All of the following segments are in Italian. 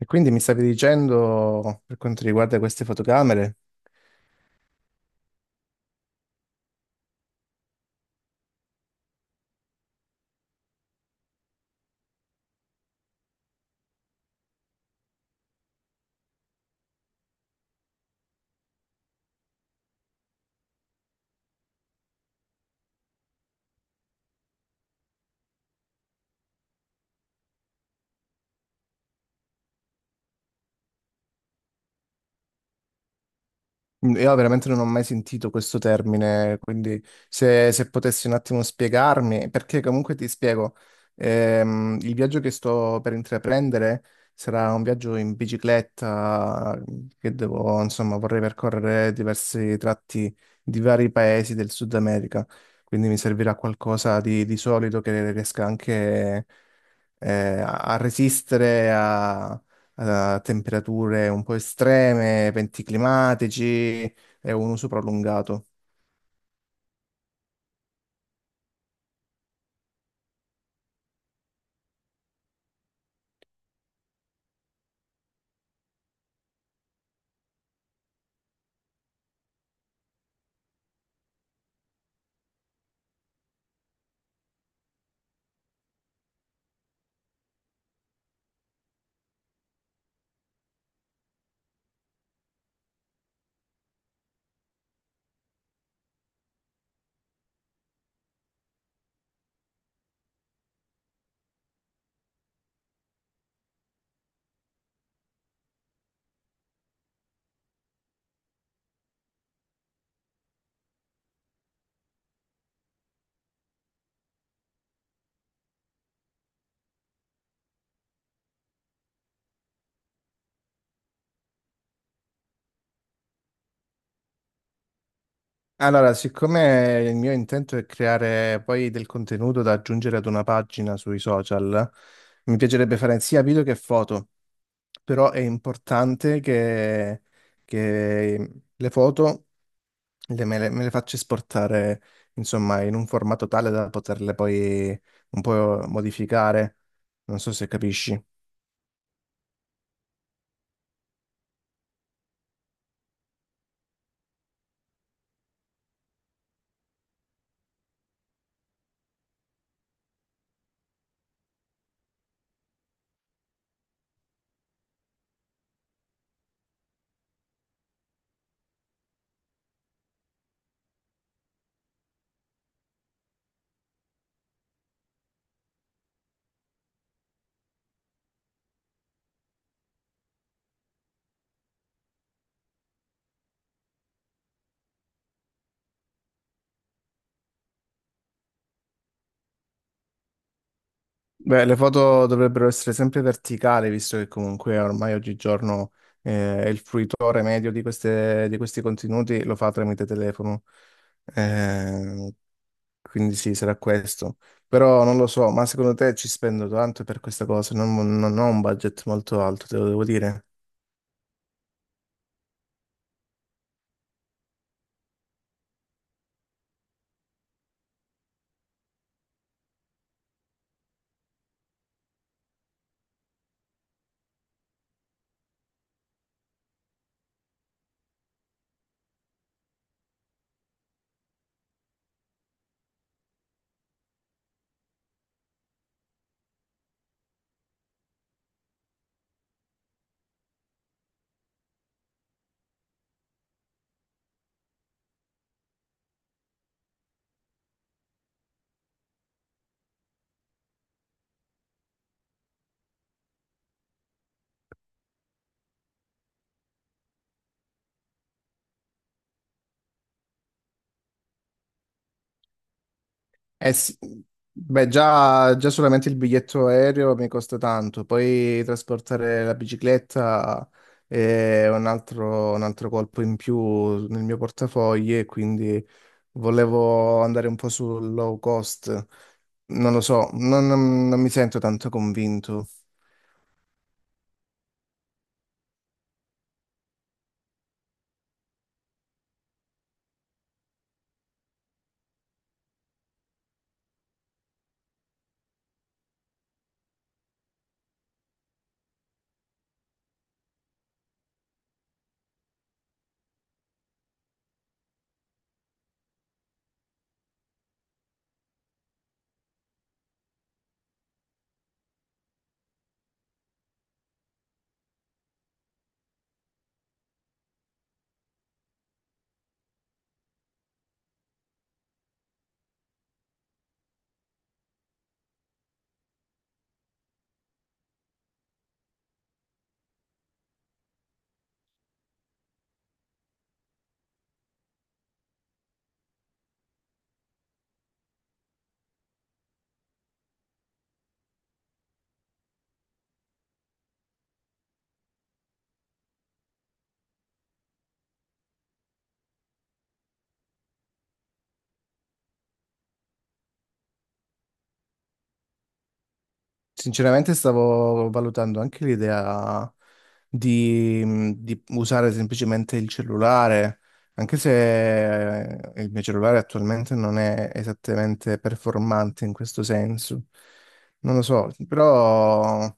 E quindi mi stavi dicendo, per quanto riguarda queste fotocamere, mm, io veramente non ho mai sentito questo termine, quindi se potessi un attimo spiegarmi, perché comunque ti spiego, il viaggio che sto per intraprendere sarà un viaggio in bicicletta, mm, che devo, insomma, vorrei percorrere diversi tratti di vari paesi del Sud America, quindi mi servirà qualcosa di solido che riesca anche eh, a a resistere a temperature un po' estreme, eventi climatici e un uso prolungato. Allora, siccome il mio intento è creare poi del contenuto da aggiungere ad una pagina sui social, mi piacerebbe fare sia video che foto, però è importante che le foto me le faccio esportare, insomma, in un formato tale da poterle poi un po' modificare. Non so se capisci. Beh, le foto dovrebbero essere sempre verticali, visto che comunque ormai oggigiorno il fruitore medio di di questi contenuti lo fa tramite telefono. Eh, quindi sì, sarà questo. Però non lo so, ma secondo te ci spendo tanto per questa cosa? Non ho un budget molto alto, te lo devo dire. Eh sì, beh, già solamente il biglietto aereo mi costa tanto, poi trasportare la bicicletta è un altro colpo in più nel mio portafogli e quindi volevo andare un po' sul low cost. Non lo so, non mi sento tanto convinto. Sinceramente stavo valutando anche l'idea di, di usare semplicemente il cellulare, anche se il mio cellulare attualmente non è esattamente performante in questo senso. Non lo so, però...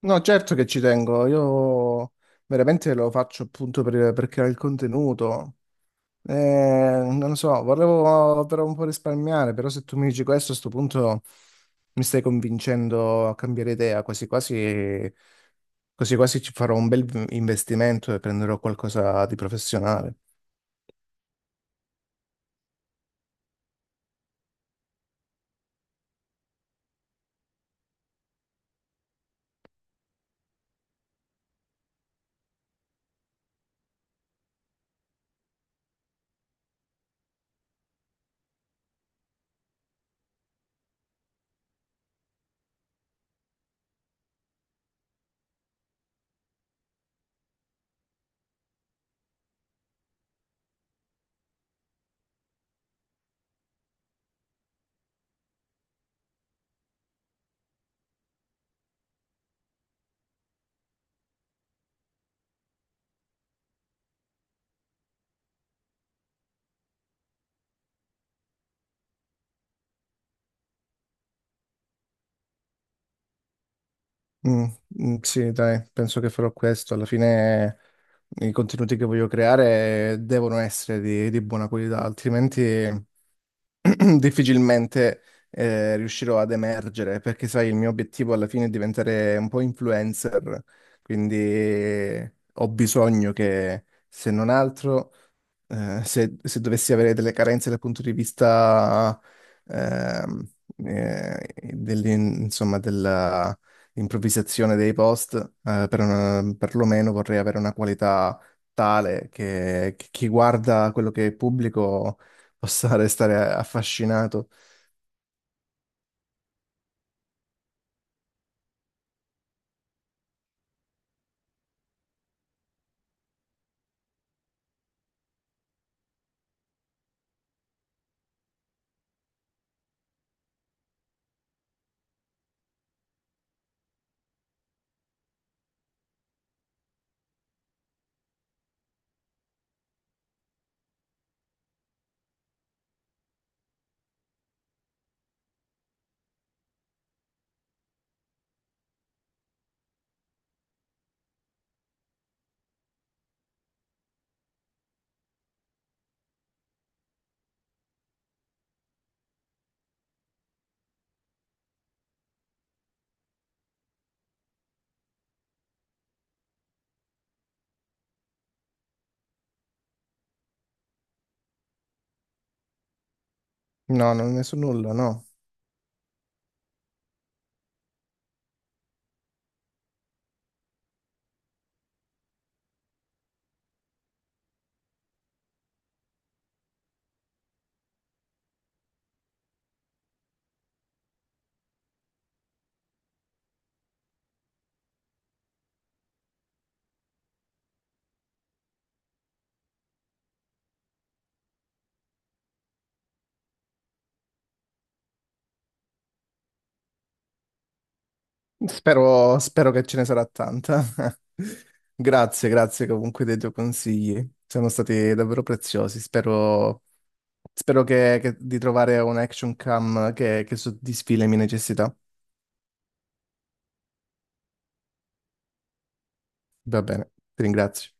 No, certo che ci tengo, io veramente lo faccio appunto per creare il contenuto. Non lo so, volevo però un po' risparmiare, però se tu mi dici questo, a sto punto mi stai convincendo a cambiare idea, quasi quasi, quasi quasi ci farò un bel investimento e prenderò qualcosa di professionale. Mm, mm, sì, dai, penso che farò questo. Alla fine i contenuti che voglio creare devono essere di buona qualità, altrimenti... difficilmente riuscirò ad emergere, perché sai, il mio obiettivo alla fine è diventare un po' influencer, quindi ho bisogno che, se non altro, se dovessi avere delle carenze dal punto di vista ehm, eh, insomma, della improvvisazione dei post, per perlomeno vorrei avere una qualità tale che chi guarda quello che pubblico possa restare affascinato. No, non ne so nulla, no. Spero che ce ne sarà tanta. Grazie, grazie comunque dei tuoi consigli. Sono stati davvero preziosi. Spero di trovare un action cam che soddisfi le mie necessità. Va bene, ti ringrazio.